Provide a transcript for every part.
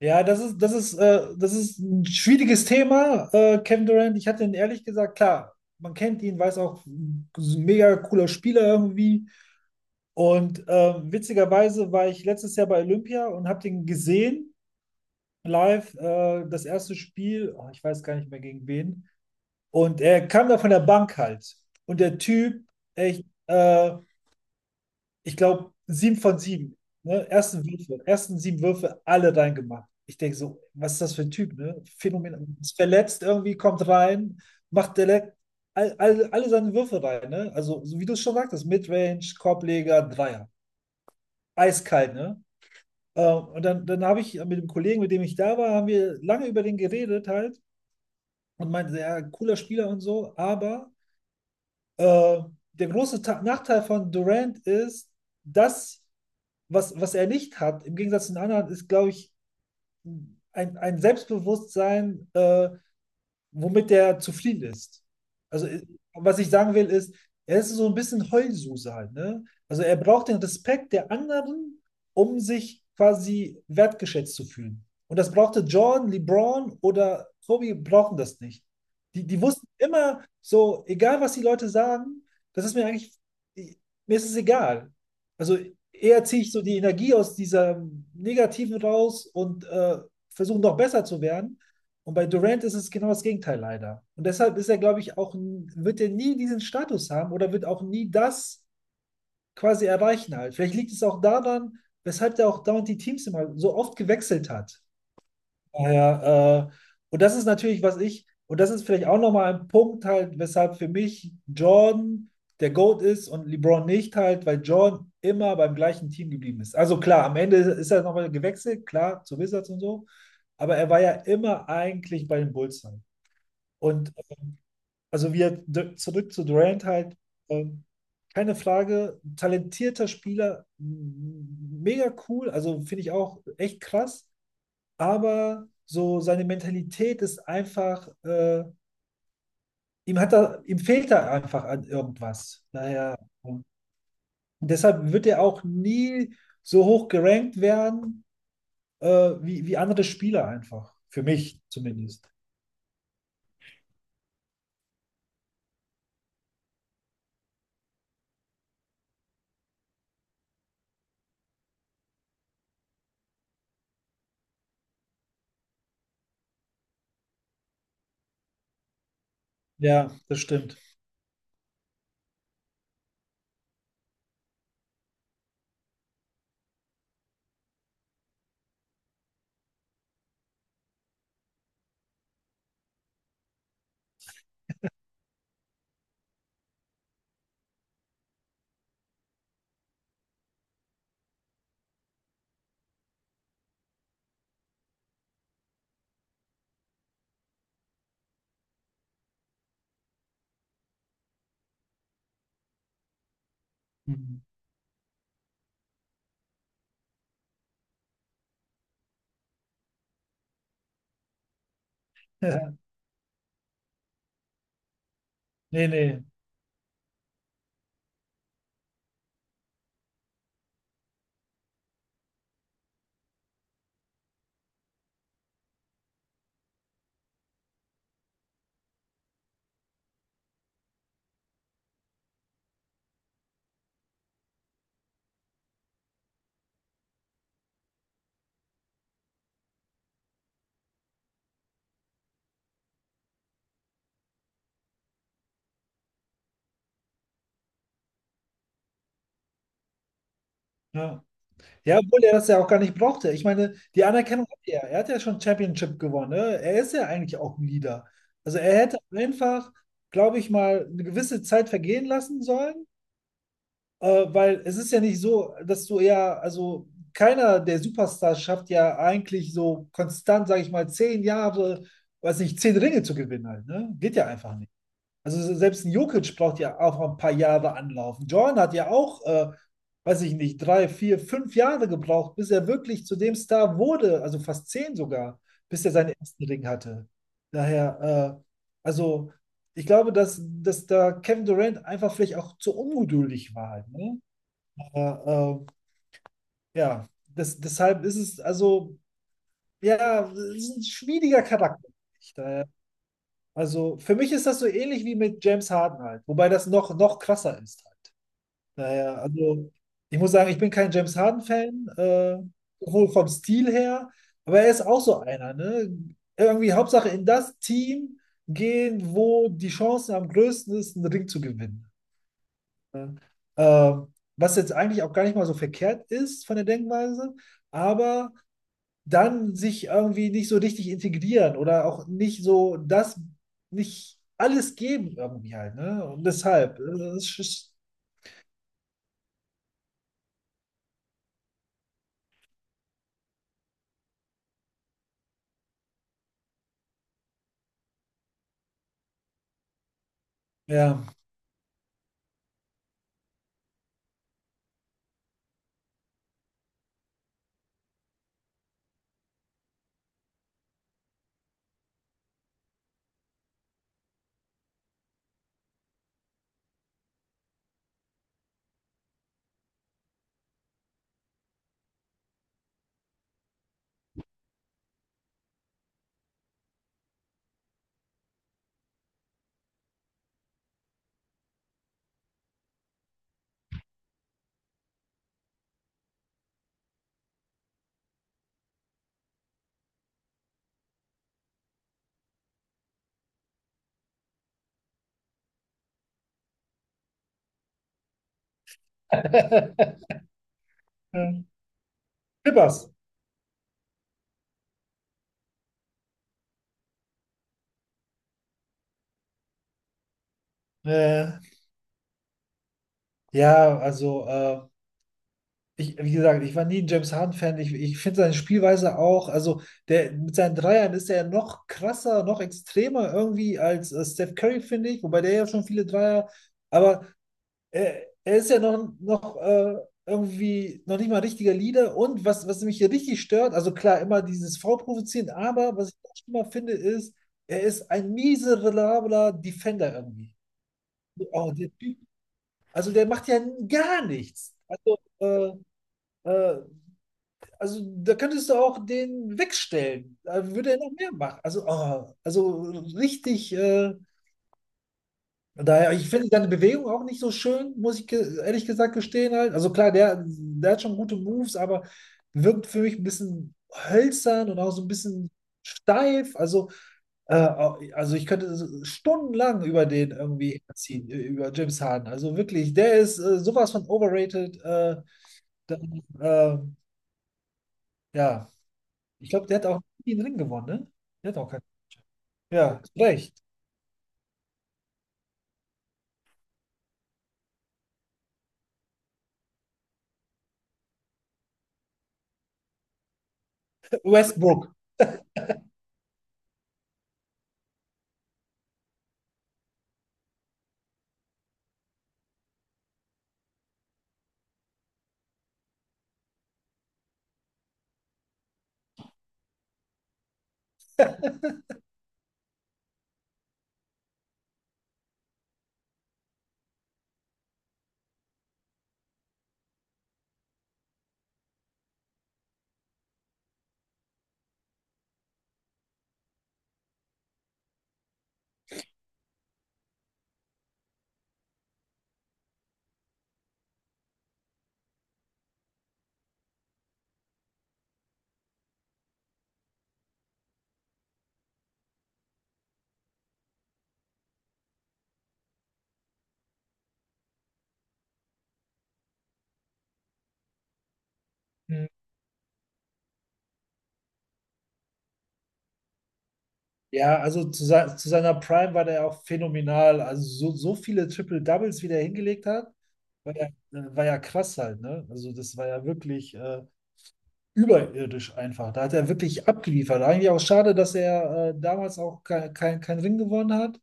Ja, das ist, das ist ein schwieriges Thema, Kevin Durant. Ich hatte ihn ehrlich gesagt, klar, man kennt ihn, weiß auch, ist ein mega cooler Spieler irgendwie. Und witzigerweise war ich letztes Jahr bei Olympia und habe den gesehen, live, das erste Spiel, oh, ich weiß gar nicht mehr gegen wen. Und er kam da von der Bank halt. Und der Typ, echt, ich glaube, sieben von sieben. Ne? Ersten Würfe, ersten sieben Würfe, alle reingemacht. Ich denke so, was ist das für ein Typ, ne? Phänomenal. Ist verletzt irgendwie, kommt rein, macht direkt alle seine Würfe rein, ne? Also, so wie du es schon sagtest, Midrange, Korbleger, Dreier. Eiskalt, ne? Und dann, dann habe ich mit dem Kollegen, mit dem ich da war, haben wir lange über den geredet halt und meinte, ja, cooler Spieler und so, aber äh, der große Ta Nachteil von Durant ist, dass was, was er nicht hat, im Gegensatz zu den anderen, ist, glaube ich, ein Selbstbewusstsein, womit der zufrieden ist. Also, was ich sagen will, ist, er ist so ein bisschen Heulsuse halt, ne? Also, er braucht den Respekt der anderen, um sich quasi wertgeschätzt zu fühlen. Und das brauchte Jordan, LeBron oder Kobe brauchen das nicht. Die, die wussten immer so, egal was die Leute sagen, das ist mir eigentlich, mir ist es egal. Also eher ziehe ich so die Energie aus dieser Negativen raus und versuche noch besser zu werden, und bei Durant ist es genau das Gegenteil leider. Und deshalb ist er, glaube ich, auch, wird er nie diesen Status haben oder wird auch nie das quasi erreichen halt. Vielleicht liegt es auch daran, weshalb er auch dauernd die Teams immer so oft gewechselt hat. Daher, und das ist natürlich, was ich, und das ist vielleicht auch nochmal ein Punkt halt, weshalb für mich Jordan der GOAT ist und LeBron nicht halt, weil Jordan immer beim gleichen Team geblieben ist. Also klar, am Ende ist er nochmal gewechselt, klar, zu Wizards und so, aber er war ja immer eigentlich bei den Bulls halt. Und also zurück zu Durant halt, ähm, keine Frage, talentierter Spieler, mega cool, also finde ich auch echt krass, aber so seine Mentalität ist einfach, ihm hat er ihm fehlt da einfach an irgendwas. Naja, und deshalb wird er auch nie so hoch gerankt werden, äh, wie, wie andere Spieler einfach, für mich zumindest. Ja, das stimmt. Mhm. Nee, nee. Ja. Ja, obwohl er das ja auch gar nicht brauchte. Ich meine, die Anerkennung hat er. Er hat ja schon Championship gewonnen. Ne? Er ist ja eigentlich auch ein Leader. Also er hätte einfach, glaube ich mal, eine gewisse Zeit vergehen lassen sollen, weil es ist ja nicht so, dass du ja, also keiner der Superstars schafft ja eigentlich so konstant, sage ich mal, zehn Jahre, weiß nicht, zehn Ringe zu gewinnen halt, ne? Geht ja einfach also selbst ein Jokic braucht ja auch ein paar Jahre anlaufen. Jordan hat ja auch, weiß ich nicht, drei, vier, fünf Jahre gebraucht, bis er wirklich zu dem Star wurde, also fast zehn sogar, bis er seinen ersten Ring hatte. Daher, also ich glaube, dass da Kevin Durant einfach vielleicht auch zu ungeduldig war. Halt, ne? Aber ja, das, deshalb ist es also, ja, es ist ein schwieriger Charakter. Daher, also für mich ist das so ähnlich wie mit James Harden halt, wobei das noch, noch krasser ist halt. Naja, also ich muss sagen, ich bin kein James Harden-Fan, sowohl vom Stil her, aber er ist auch so einer, ne? Irgendwie Hauptsache in das Team gehen, wo die Chancen am größten ist, einen Ring zu gewinnen. Ne? Was jetzt eigentlich auch gar nicht mal so verkehrt ist von der Denkweise, aber dann sich irgendwie nicht so richtig integrieren oder auch nicht so das, nicht alles geben irgendwie halt, ne? Und deshalb, das ist, ist- ja. Pippers. Äh, ja, also, ich, wie gesagt, ich war nie ein James Harden-Fan. Ich finde seine Spielweise auch, also der mit seinen Dreiern ist er ja noch krasser, noch extremer irgendwie als Steph Curry, finde ich, wobei der ja schon viele Dreier, aber er ist ja noch, irgendwie noch nicht mal richtiger Leader. Und was, was mich hier richtig stört, also klar, immer dieses Vorprovozieren, aber was ich auch schlimmer finde, ist, er ist ein miserabler Defender irgendwie. Oh, der Typ, also der macht ja gar nichts. Äh, also da könntest du auch den wegstellen. Da würde er noch mehr machen. Also, oh, also richtig. Daher, ich finde seine Bewegung auch nicht so schön, muss ich ge ehrlich gesagt gestehen halt. Also klar, der, der hat schon gute Moves, aber wirkt für mich ein bisschen hölzern und auch so ein bisschen steif. Äh, also ich könnte so stundenlang über den irgendwie ziehen, über James Harden. Also wirklich, der ist sowas von overrated. Dann, ja, ich glaube, der hat auch nie einen Ring gewonnen, ne? Der hat auch keinen. Ja, zu recht. Westbrook. Hm. Ja, also zu seiner Prime war der ja auch phänomenal. Also so, so viele Triple-Doubles, wie der hingelegt hat, war ja, äh, war ja krass halt, ne? Also das war ja wirklich überirdisch einfach. Da hat er wirklich abgeliefert. Eigentlich auch schade, dass er damals auch kein Ring gewonnen hat.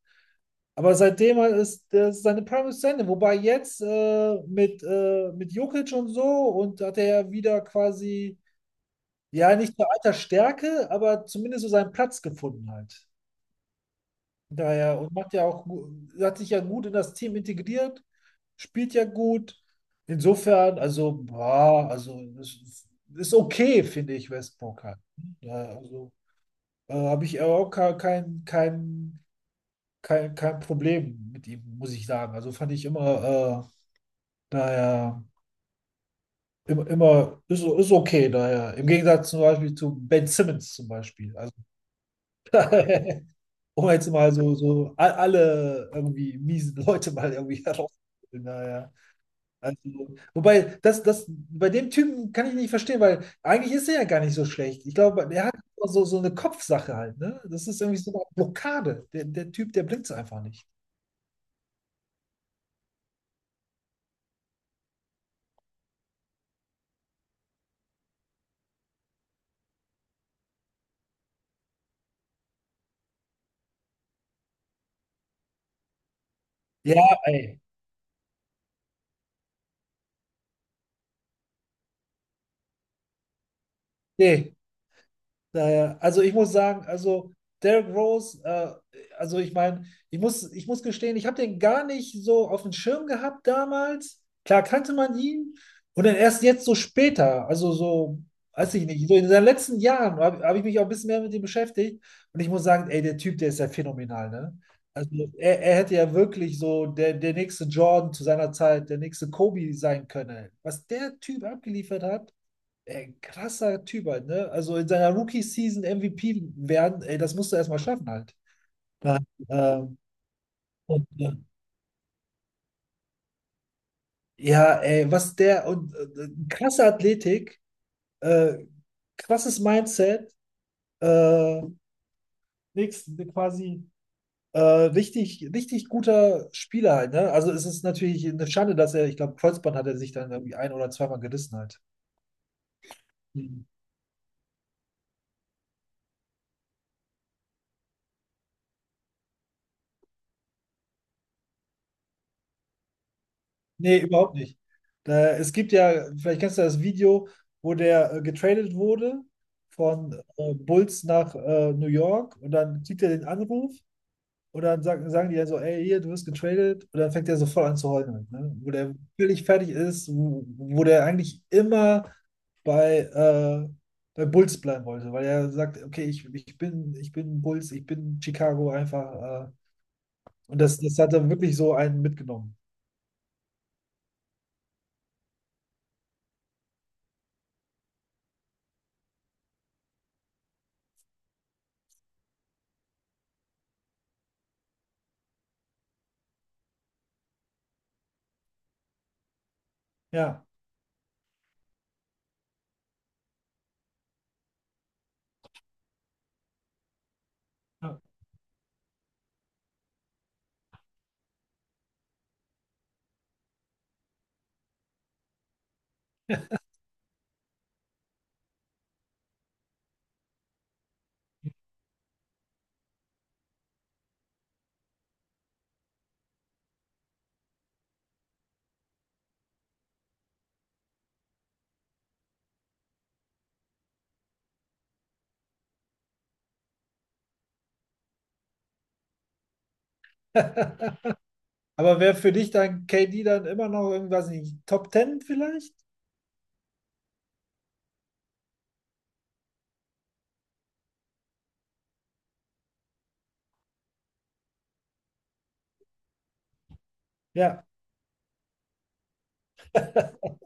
Aber seitdem ist, ist seine Prime ist zu Ende. Wobei jetzt mit Jokic und so und hat er ja wieder quasi, ja, nicht nur alter Stärke, aber zumindest so seinen Platz gefunden halt. Daher und macht ja auch, hat sich ja gut in das Team integriert, spielt ja gut. Insofern, also, boah, also es ist ist okay, finde ich, Westbrook halt. Ja, also habe ich auch kein Problem mit ihm, muss ich sagen. Also fand ich immer, daher, immer, immer ist, ist okay, daher. Im Gegensatz zum Beispiel zu Ben Simmons zum Beispiel. Also, um jetzt mal so, alle irgendwie miesen Leute mal irgendwie herauszuholen. Naja. Also, wobei, bei dem Typen kann ich nicht verstehen, weil eigentlich ist er ja gar nicht so schlecht. Ich glaube, er hat so, so eine Kopfsache halt, ne? Das ist irgendwie so eine Blockade. Der, der Typ, der blinkt einfach nicht. Ja, ey. Nee. Naja, also ich muss sagen, also Derrick Rose, also ich meine, ich muss gestehen, ich habe den gar nicht so auf dem Schirm gehabt damals. Klar kannte man ihn und dann erst jetzt so später, also so, weiß ich nicht, so in den letzten Jahren hab ich mich auch ein bisschen mehr mit ihm beschäftigt und ich muss sagen, ey, der Typ, der ist ja phänomenal, ne? Also er hätte ja wirklich so der, der nächste Jordan zu seiner Zeit, der nächste Kobe sein können. Was der Typ abgeliefert hat, ey, krasser Typ halt, ne? Also in seiner Rookie-Season MVP werden, ey, das musst du erstmal schaffen halt. Da, ähm, und, ja, ey, was der und krasse Athletik, äh, krasses Mindset, äh, nix, quasi richtig, richtig guter Spieler halt, ne? Also es ist natürlich eine Schade, dass er, ich glaube, Kreuzband hat er sich dann irgendwie ein oder zweimal gerissen halt. Nee, überhaupt nicht. Da, es gibt ja, vielleicht kennst du das Video, wo der getradet wurde von Bulls nach New York und dann kriegt er den Anruf und dann sagen, sagen die ja so, ey, hier, du wirst getradet und dann fängt er so voll an zu heulen, ne? Wo der völlig fertig ist, wo, wo der eigentlich immer bei, bei Bulls bleiben wollte, weil er sagt, okay, ich, ich bin Bulls, ich bin Chicago einfach und das, das hat er wirklich so einen mitgenommen. Ja. Ja. Aber wäre für dich dann KD dann immer noch irgendwas nicht Top Ten vielleicht? Ja.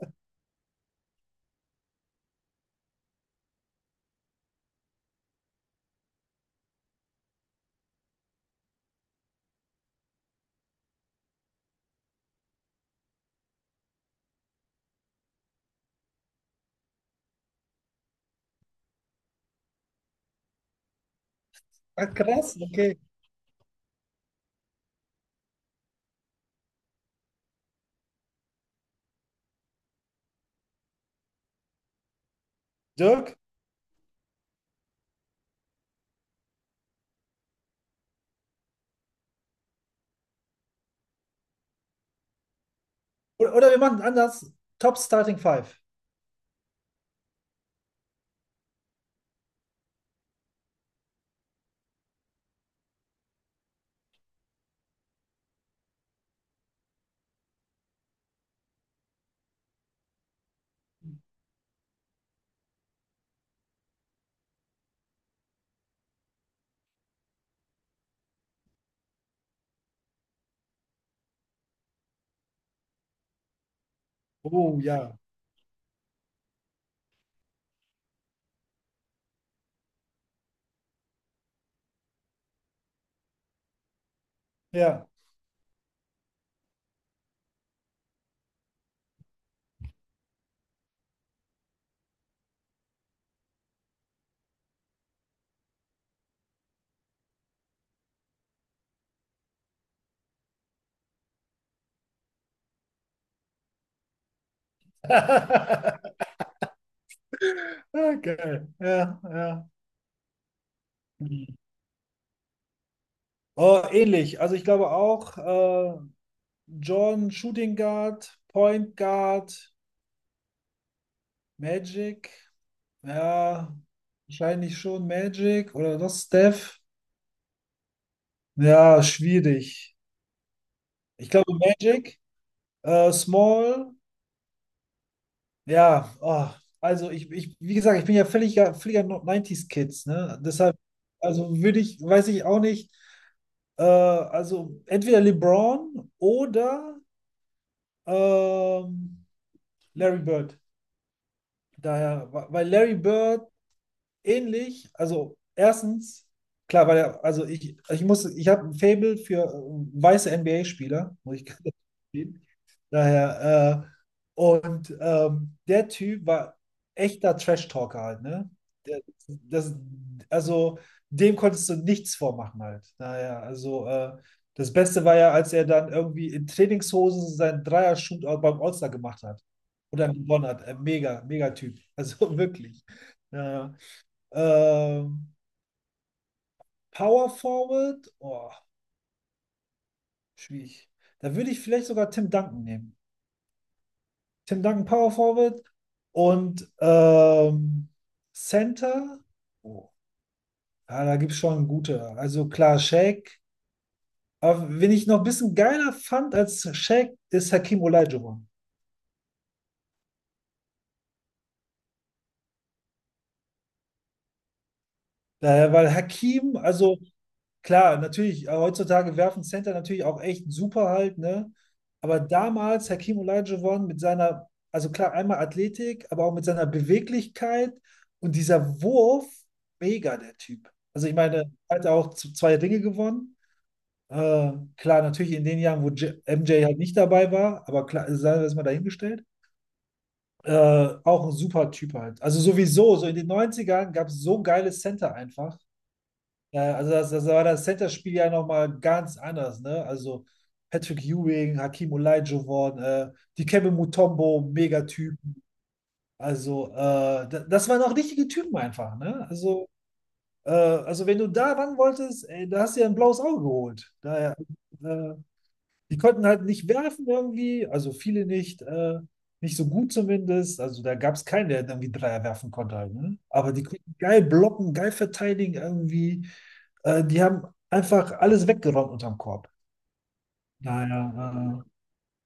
Ah, krass, okay. Dirk? Oder wir machen anders. Top Starting Five. Oh ja. Ja. Okay. Ja, ja. Mhm. Oh, ähnlich. Also ich glaube auch, John Shooting Guard, Point Guard, Magic. Ja, wahrscheinlich schon Magic oder doch Steph. Ja, schwierig. Ich glaube Magic. Small, ja, ah, also ich, wie gesagt, ich bin ja völliger, völliger 90s-Kids, ne? Deshalb, also würde ich, weiß ich auch nicht, also entweder LeBron oder ähm, Larry Bird. Daher, weil Larry Bird ähnlich, also erstens, klar, weil er, also ich habe ein Faible für weiße NBA-Spieler, muss ich Daher, und der Typ war echter Trash-Talker halt, ne? Der, das, also dem konntest du nichts vormachen halt. Daher, also das Beste war ja, als er dann irgendwie in Trainingshosen seinen Dreier-Shootout beim All-Star gemacht hat. Und dann gewonnen hat. Mega, mega Typ. Also wirklich. Naja. Ähm, Power Forward, oh, schwierig. Da würde ich vielleicht sogar Tim Duncan nehmen. Tim Duncan Power Forward und Center. Oh. Ja, da gibt es schon gute. Also klar, Shaq. Aber wen ich noch ein bisschen geiler fand als Shaq, ist Hakim Olajuwon. Daher, weil Hakim, also klar, natürlich, heutzutage werfen Center natürlich auch echt super halt, ne? Aber damals Hakeem Olajuwon mit seiner, also klar, einmal Athletik, aber auch mit seiner Beweglichkeit und dieser Wurf, mega der Typ. Also ich meine, hat er auch zwei Dinge gewonnen. Klar, natürlich in den Jahren, wo J MJ halt nicht dabei war, aber klar, sei das mal dahingestellt. Äh, auch ein super Typ halt. Also sowieso, so in den Neunzigern gab es so geile Center einfach. Ja, also das, das war das Center-Spiel ja nochmal ganz anders, ne? Also Patrick Ewing, Hakeem Olajuwon, Dikembe Mutombo, Megatypen. Also das waren auch richtige Typen einfach, ne? Also wenn du da ran wolltest, ey, da hast du ja ein blaues Auge geholt. Daher, äh, die konnten halt nicht werfen irgendwie, also viele nicht, nicht so gut zumindest. Also da gab es keinen, der irgendwie Dreier werfen konnte halt, ne? Aber die konnten geil blocken, geil verteidigen irgendwie. Die haben einfach alles weggeräumt unterm Korb. Daher,